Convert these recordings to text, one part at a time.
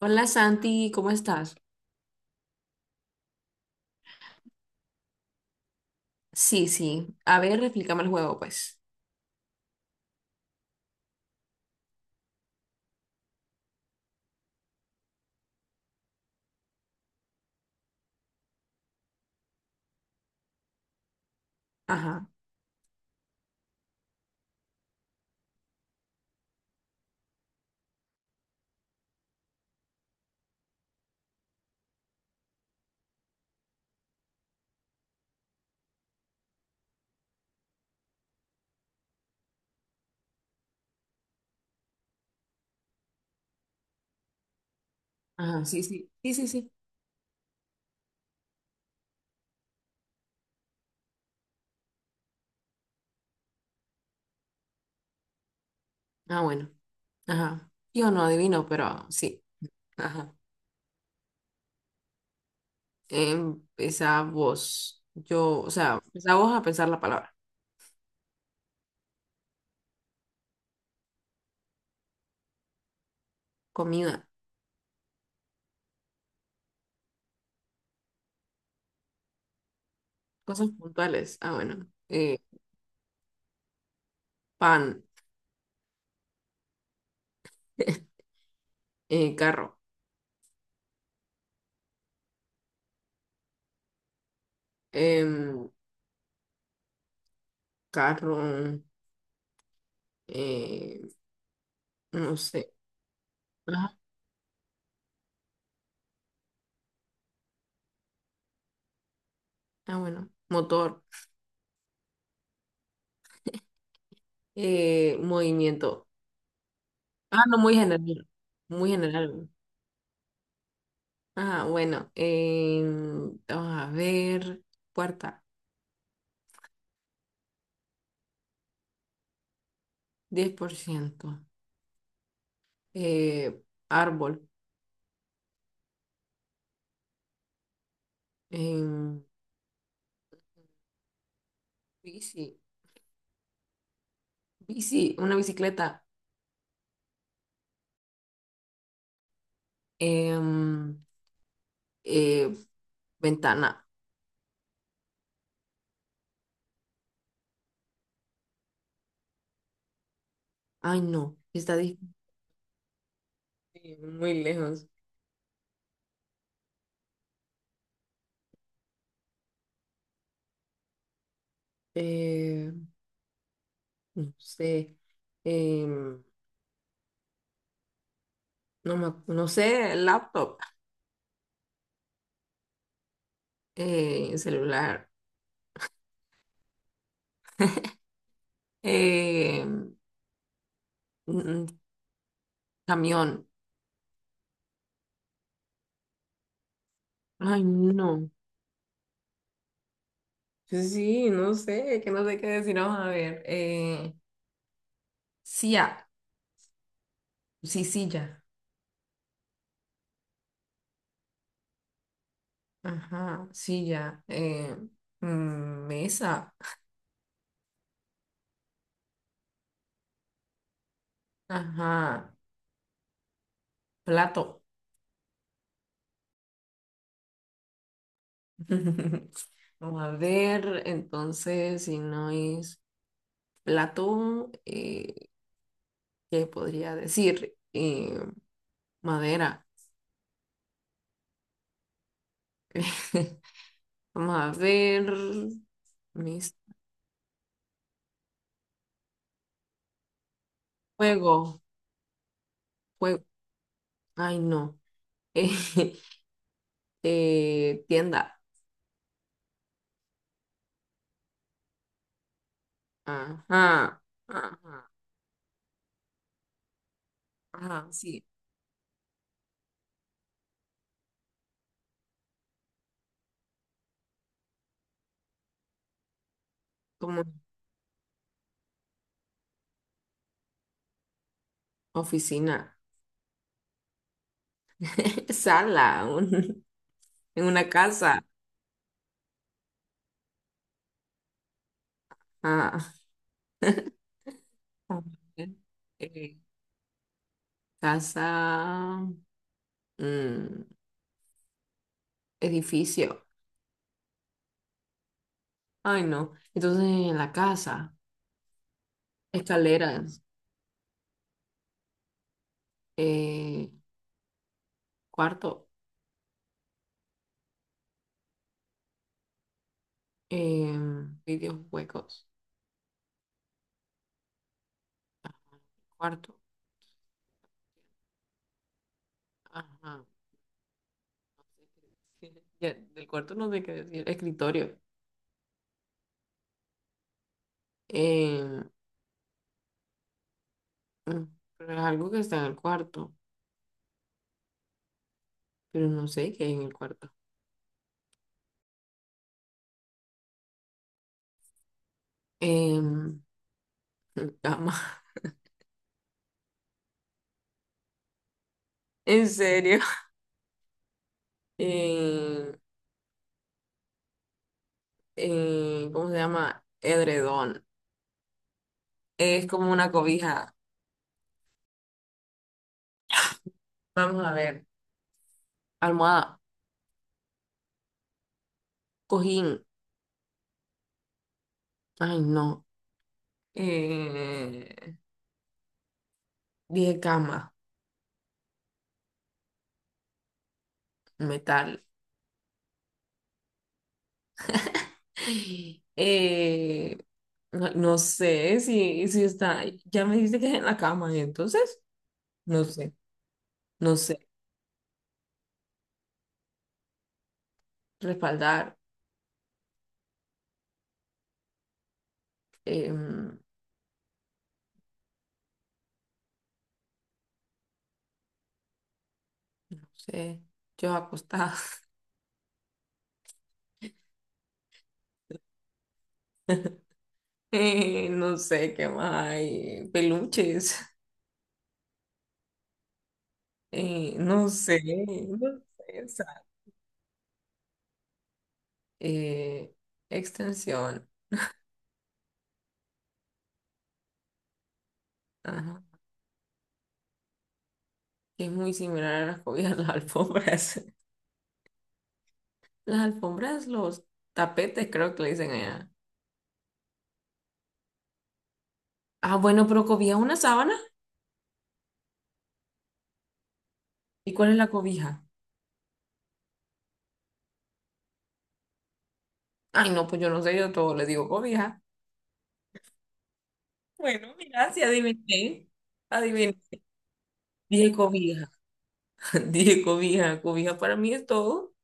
Hola Santi, ¿cómo estás? Sí, sí. A ver, explícame el juego, pues. Ajá, ajá, sí, sí. Sí, sí, sí. Ah, bueno. Ajá. Yo no adivino, pero sí. Ajá. Empezá vos. Yo, o sea, empezá vos a pensar la palabra. Comida. Cosas puntuales. Ah, bueno. Pan. Carro. Em, carro. eh, no sé. Ajá. Ah, bueno. Motor. Movimiento. Ah, no, muy general. Muy general. Ah, bueno. Vamos a ver. Puerta, 10%. Eh, árbol. em, bici. Bici, una bicicleta. em, eh, ventana. Ay, no. Está muy lejos. Eh, no sé. em, no, me no sé. Laptop. Celular. em, mm, camión. Ay, no. Sí, no sé, que no sé qué decir. Vamos a ver. Silla, sí, silla. Ajá, silla. Mesa. Ajá, plato. Vamos a ver, entonces, si no es plato, ¿qué podría decir? Madera. Vamos a ver. Mis... Fuego, fuego. Ay, no. Tienda. Ajá, ajá, ajá, sí, como oficina, sala, en una casa. Ajá. A ver, eh, casa, mm, edificio. Ay, no. Entonces, en la casa, escaleras, eh, cuarto, eh, vídeos huecos, ajá, cuarto. Ajá. Ya, del cuarto no sé qué decir. Escritorio. Em, mm, pero es algo que está en el cuarto, pero no sé qué hay en el cuarto. Em, cama. En serio. Em, ¿Cómo se llama? Edredón. Es como una cobija. Vamos a ver. Almohada. Cojín. Ay, no. Eh, dije cama. Metal. Eh, no, no sé si está. Ya me dijiste que es en la cama, entonces. No sé. No sé. Respaldar. em, no sé, yo acostada. No sé qué más hay, peluches, no sé, no sé, o sea, eh, extensión, ajá, que es muy similar a las cobijas, las alfombras. Las alfombras, los tapetes, creo que le dicen allá. Ah, bueno, pero cobija es una sábana. ¿Y cuál es la cobija? Ay, no, pues yo no sé, yo a todo le digo cobija. Bueno, mira, si adiviné, adiviné, dije cobija. Dije cobija, cobija para mí es todo.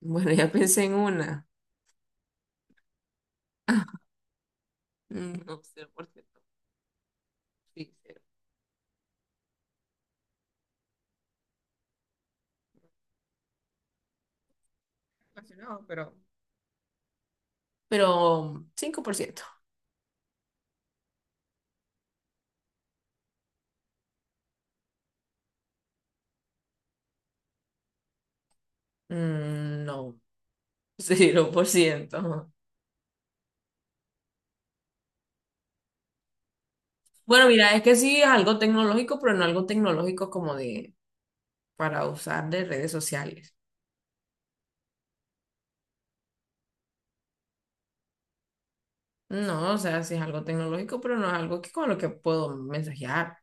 Bueno, ya pensé en una. Ah, no, 0%. Sí, cero. Relacionado, pero... Pero 5%. No, 0%. Bueno, mira, es que sí es algo tecnológico, pero no algo tecnológico como de para usar de redes sociales. No, o sea, sí es algo tecnológico, pero no es algo que con lo que puedo mensajear.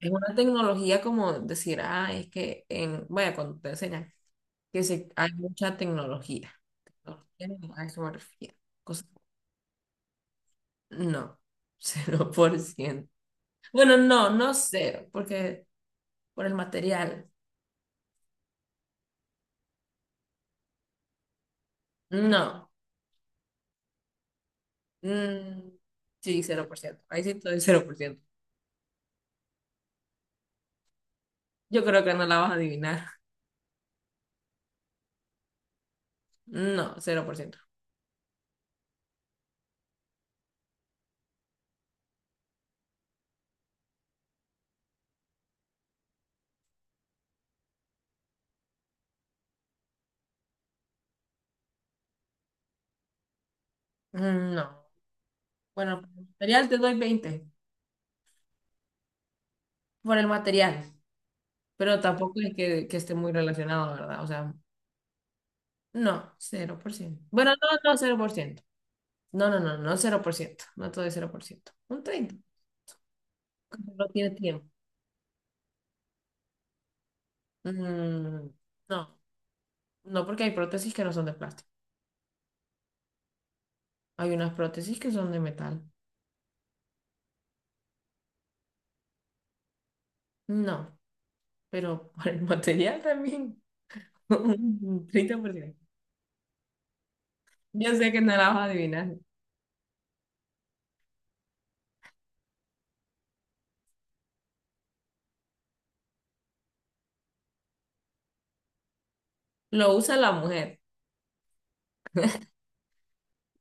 Es una tecnología como decir, ah, es que bueno, cuando te enseñan que se, hay mucha tecnología. Tecnología, a eso me refiero. Cosa- no, 0%. Bueno, no, no cero, porque por el material. No. Mm, sí, 0%. Ahí sí estoy 0%. Yo creo que no la vas a adivinar. No, 0%. No. Bueno, por el material te doy 20. Por el material. Pero tampoco es que, esté muy relacionado, ¿verdad? O sea, no, 0%. Bueno, no, no, 0%. No, no, no, no 0%, no todo es 0%, un 30%, como no tiene tiempo. Mm, no, no porque hay prótesis que no son de plástico, hay unas prótesis que son de metal, no, pero por el material también, un 30%. Yo sé que no la vas a adivinar, lo usa la mujer,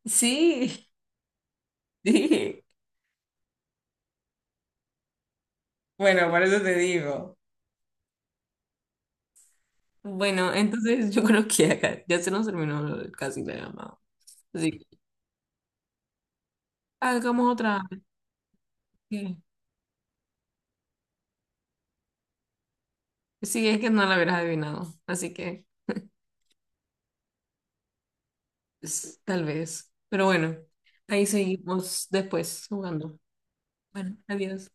sí, sí, bueno, por eso te digo. Bueno, entonces yo creo que acá ya se nos terminó casi la llamada, así que hagamos otra. ¿Qué? Sí, es que no la hubieras adivinado, así que tal vez. Pero bueno, ahí seguimos después jugando. Bueno, adiós.